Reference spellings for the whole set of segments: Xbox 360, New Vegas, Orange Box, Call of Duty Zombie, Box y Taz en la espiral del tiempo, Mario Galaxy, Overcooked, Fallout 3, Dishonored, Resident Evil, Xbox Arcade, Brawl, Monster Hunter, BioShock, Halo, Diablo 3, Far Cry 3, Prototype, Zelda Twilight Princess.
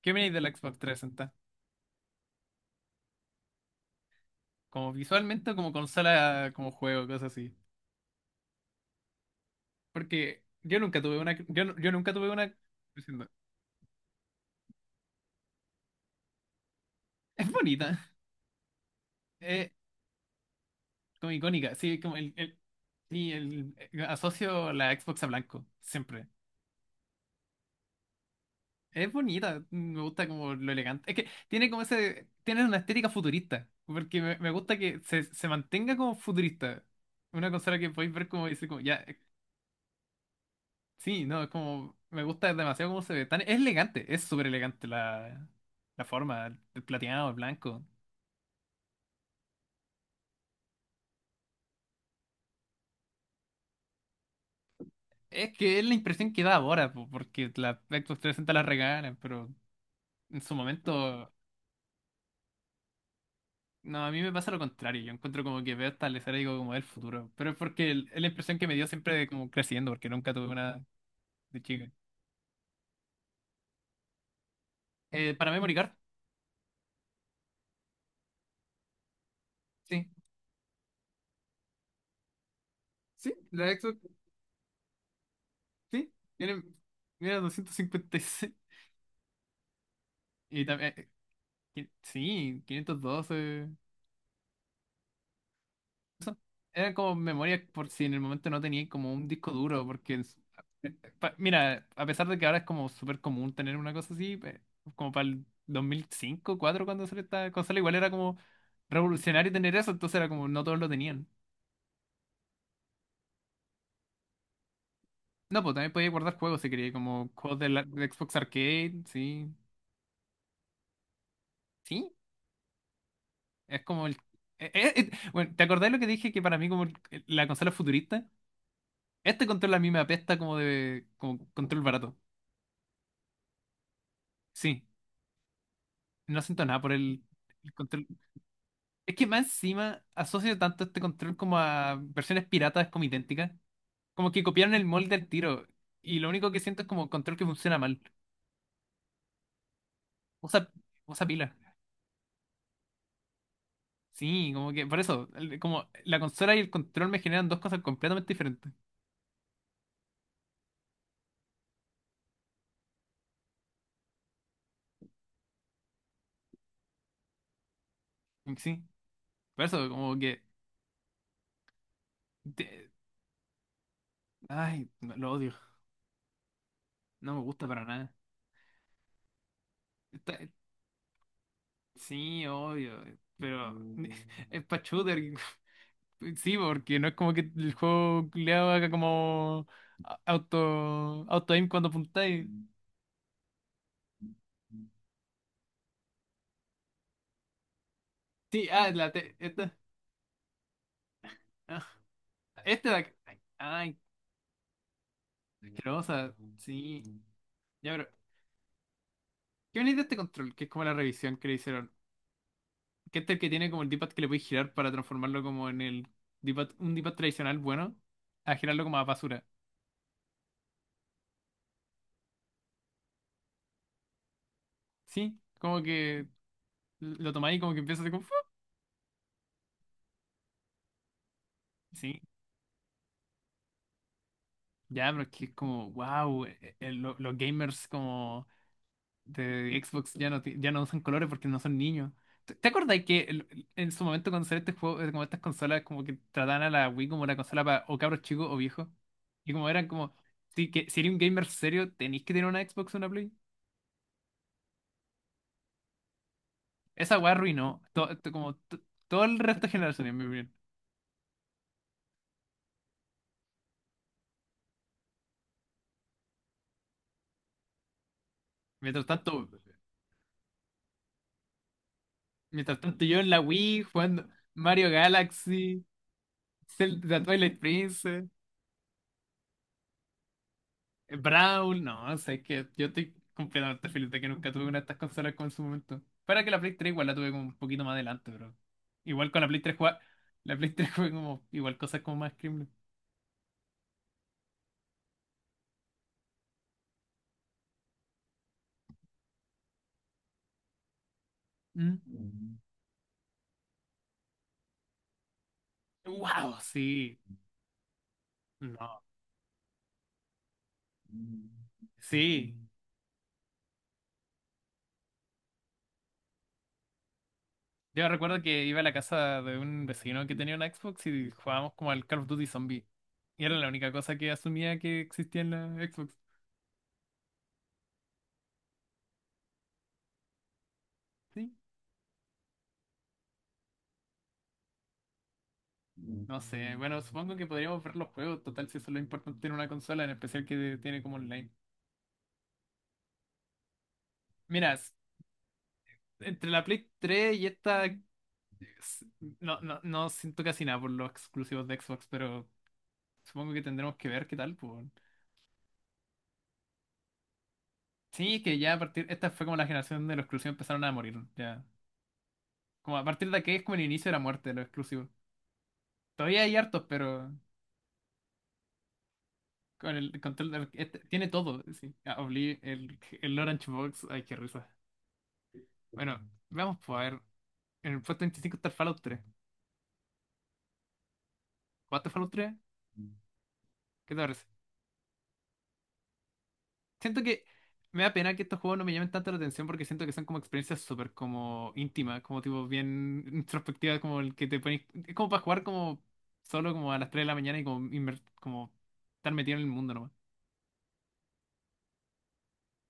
¿Qué opináis de la Xbox 360? Como visualmente, o como consola, como juego, cosas así. Porque yo nunca tuve una. Yo nunca tuve una. Diciendo, es bonita. Es como icónica. Sí, como sí, asocio la Xbox a blanco. Siempre. Es bonita. Me gusta como lo elegante. Es que tiene como ese. Tiene una estética futurista. Porque me gusta que se mantenga como futurista. Una consola que podéis ver como dice, como ya. Sí, no, es como. Me gusta demasiado cómo se ve. Tan, es elegante, es súper elegante la, la forma, el plateado, el blanco. Es que es la impresión que da ahora, po, porque la Xbox 360 la regalan, pero en su momento. No, a mí me pasa lo contrario. Yo encuentro como que veo esta lesera y digo como el futuro. Pero es porque el- es la impresión que me dio siempre de como creciendo, porque nunca tuve una de chica. Para Memory Card, sí. Sí, la Xbox, sí. Tiene, mira, 256. Y también. Sí, 512. Era como memoria por si en el momento no tenía como un disco duro, porque eh, mira, a pesar de que ahora es como súper común tener una cosa así, pe- como para el 2005, 2004 cuando salió esta consola, igual era como revolucionario tener eso, entonces era como no todos lo tenían. No, pues también podía guardar juegos si quería, como juegos de, la, de Xbox Arcade, sí. Sí, es como el... bueno, ¿te acordás lo que dije que para mí como el- la consola futurista? Este control a mí me apesta como de... como control barato. Sí, no siento nada por el control. Es que más encima asocio tanto este control como a versiones piratas como idénticas. Como que copiaron el molde del tiro. Y lo único que siento es como control que funciona mal. Usa, usa pila. Sí, como que por eso, el- como la consola y el control me generan dos cosas completamente diferentes. Sí, por eso, como que. Te- ay, no- lo odio. No me gusta para nada. Está- sí, obvio. Pero es para shooter. Sí, porque no es como que el juego le haga como a- auto aim cuando apuntáis. Sí, ah, la te- esta. Ah, este de acá. Ay, asquerosa. Sí. Ya, pero. ¿Qué venís de este control? Que es como la revisión que le hicieron. Que este es el que tiene como el D-pad que le podéis girar para transformarlo como en el D-pad, un D-pad tradicional bueno, a girarlo como a basura. Sí, como que lo tomáis y como que empieza a hacer como. ¡Fu! Sí. Ya, pero es que es como, wow, los gamers como de Xbox ya no, ti- ya no usan colores porque no son niños. ¿Te acordás que el- en su momento cuando salió este juego, como estas consolas, como que trataban a la Wii como una consola para o cabros chicos o viejos? Y como eran como, sí, que si eres un gamer serio, tenéis que tener una Xbox o una Play. Esa weá arruinó to- to- como to- todo el resto de generaciones, en mi opinión. Mientras tanto, mientras tanto yo en la Wii jugando Mario Galaxy, Zelda Twilight Princess. Brawl, no, sé que yo estoy completamente feliz de que nunca tuve una de estas consolas como en su momento. Para que la Play 3 igual la tuve como un poquito más adelante, pero igual con la Play 3 jugaba, la Play 3 fue como igual cosas como más criminal. Wow, sí. No, sí. Yo recuerdo que iba a la casa de un vecino que tenía una Xbox y jugábamos como al Call of Duty Zombie. Y era la única cosa que asumía que existía en la Xbox. Sí. No sé, bueno, supongo que podríamos ver los juegos, total, si eso es lo importante en una consola, en especial que tiene como online. Mira, s- entre la Play 3 y esta, s- no, no, no siento casi nada por los exclusivos de Xbox, pero supongo que tendremos que ver qué tal, pues. Sí, que ya a partir, esta fue como la generación de los exclusivos empezaron a morir, ya. Como a partir de aquí es como el inicio de la muerte de los exclusivos. Todavía hay hartos, pero con el control del- este- tiene todo, sí. Ah, Obli- el Orange Box, ay, qué risa. Bueno, vamos pues a ver. En el puesto 25 está el Fallout 3. ¿Jugaste Fallout 3? ¿Qué te parece? Siento que me da pena que estos juegos no me llamen tanto la atención porque siento que son como experiencias súper como íntimas, como tipo bien introspectivas, como el que te pones... Es como para jugar como solo como a las 3 de la mañana y como, inver- como estar metido en el mundo nomás.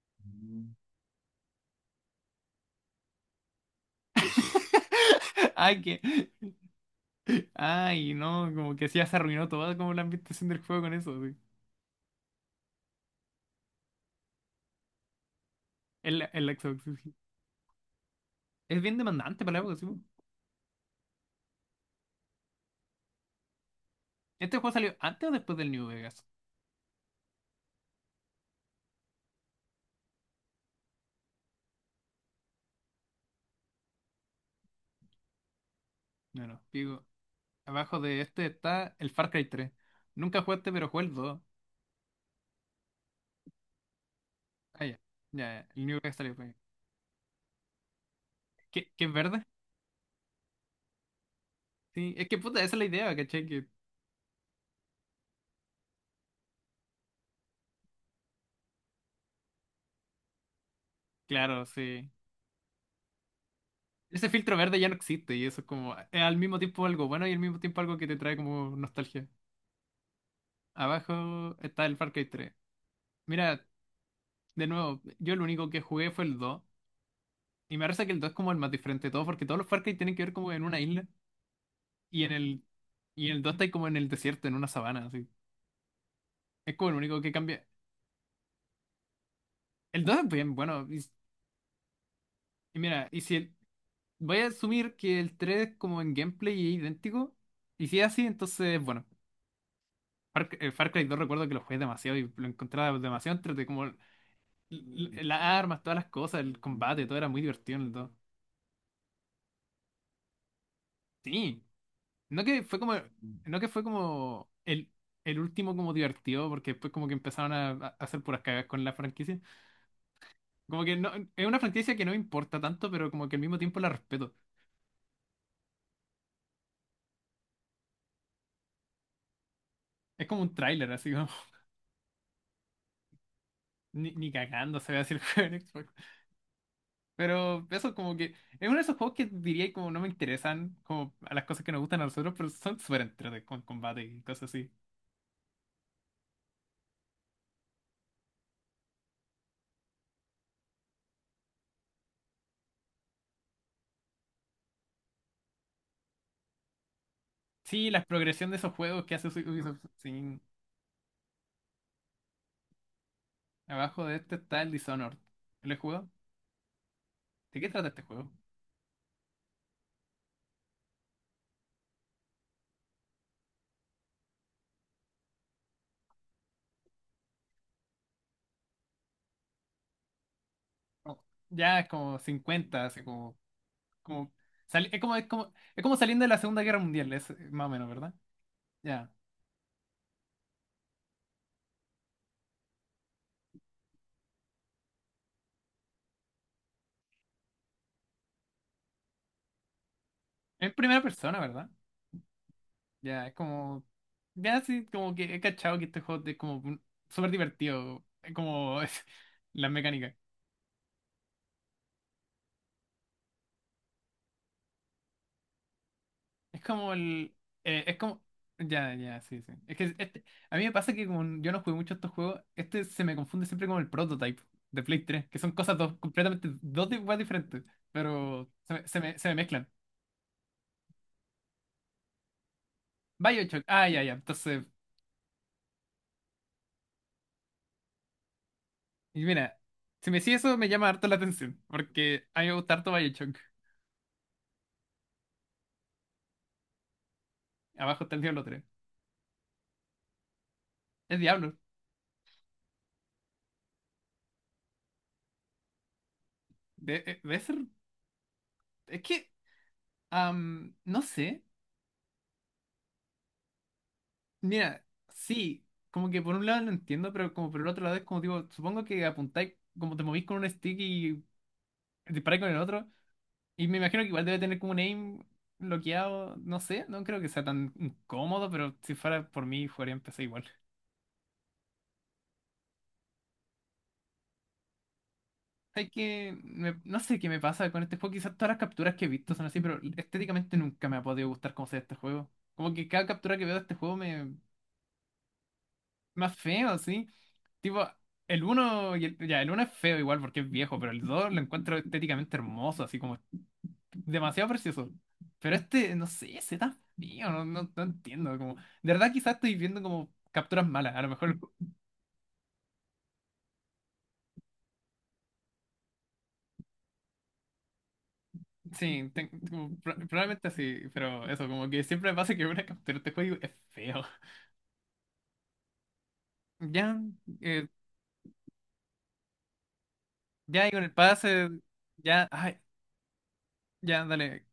Mm. Ay, que... Ay, no, como que sí ya se arruinó toda como la ambientación del juego con eso, sí. El Xbox, sí. Sí. Es bien demandante para la época, sí. Po. ¿Este juego salió antes o después del New Vegas? No, no, digo. Abajo de este está el Far Cry 3. Nunca jugaste, pero jugué el 2. Ah, ya. Ya, ya, el único que salió fue. ¿Qué, qué es verde? Sí, es que puta, esa es la idea, ¿cachai? Que, claro, sí. Ese filtro verde ya no existe y eso es como. Es al mismo tiempo algo bueno y al mismo tiempo algo que te trae como nostalgia. Abajo está el Far Cry 3. Mira, de nuevo, yo lo único que jugué fue el 2. Y me parece que el 2 es como el más diferente de todo, porque todos los Far Cry tienen que ver como en una isla. Y en el, y en el 2 está ahí como en el desierto, en una sabana, así. Es como el único que cambia. El 2 es bien bueno. Y y mira, y si el- voy a asumir que el 3 como en gameplay es idéntico, y si es así, entonces, bueno, Far Cry 2 recuerdo que lo jugué demasiado y lo encontraba demasiado entre como las armas, todas las cosas, el combate, todo era muy divertido en el 2. Sí, no que fue como, no que fue como el último como divertido, porque después como que empezaron a hacer puras cagas con la franquicia. Como que no, es una franquicia que no me importa tanto, pero como que al mismo tiempo la respeto. Es como un tráiler, así como, ni, ni cagando se ve así el juego en Xbox. Pero eso como que es uno de esos juegos que diría como no me interesan como a las cosas que nos gustan a nosotros, pero son súper entretenidos con combate y cosas así. Sí, la progresión de esos juegos que hace Ubisoft. Sí, abajo de este está el Dishonored. ¿Lo he jugado? ¿De qué trata este juego? Oh, ya es como 50 así como, como, sali- es como saliendo de la Segunda Guerra Mundial, es más o menos, ¿verdad? Ya. En primera persona, ¿verdad? Ya, es como. Ya, sí, como que he cachado que este juego es como un- súper divertido. Es como. Es, la mecánica. Es como el. Es como. Ya, sí, Es que este, a mí me pasa que como yo no jugué mucho estos juegos, este se me confunde siempre con el Prototype de Play 3 que son cosas dos, completamente dos di- weas diferentes, pero se me mezclan. BioShock, ah, ya. Entonces, y mira, si me decís eso me llama harto la atención, porque a mí me gusta harto BioShock. Abajo está el Diablo 3. Es Diablo. Debe ser. Es que, no sé. Mira, sí, como que por un lado lo entiendo, pero como por el otro lado es como digo, supongo que apuntáis, como te movís con un stick y disparáis con el otro. Y me imagino que igual debe tener como un aim bloqueado, no sé, no creo que sea tan incómodo, pero si fuera por mí, jugaría en PC igual. Hay que, me- no sé qué me pasa con este juego, quizás todas las capturas que he visto son así, pero estéticamente nunca me ha podido gustar cómo se ve este juego. Como que cada captura que veo de este juego me, más feo, así. Tipo, el uno y el, ya, el uno es feo igual porque es viejo, pero el 2 lo encuentro estéticamente hermoso, así como demasiado precioso. Pero este, no sé, ese tan feo, no, no, no entiendo. Como, de verdad quizás estoy viendo como capturas malas, a lo mejor el- sí, ten- como pro- probablemente sí, pero eso, como que siempre me pasa que una captura de este juego es feo. Ya, eh, ya y con el pase, ya, ay, ya, dale.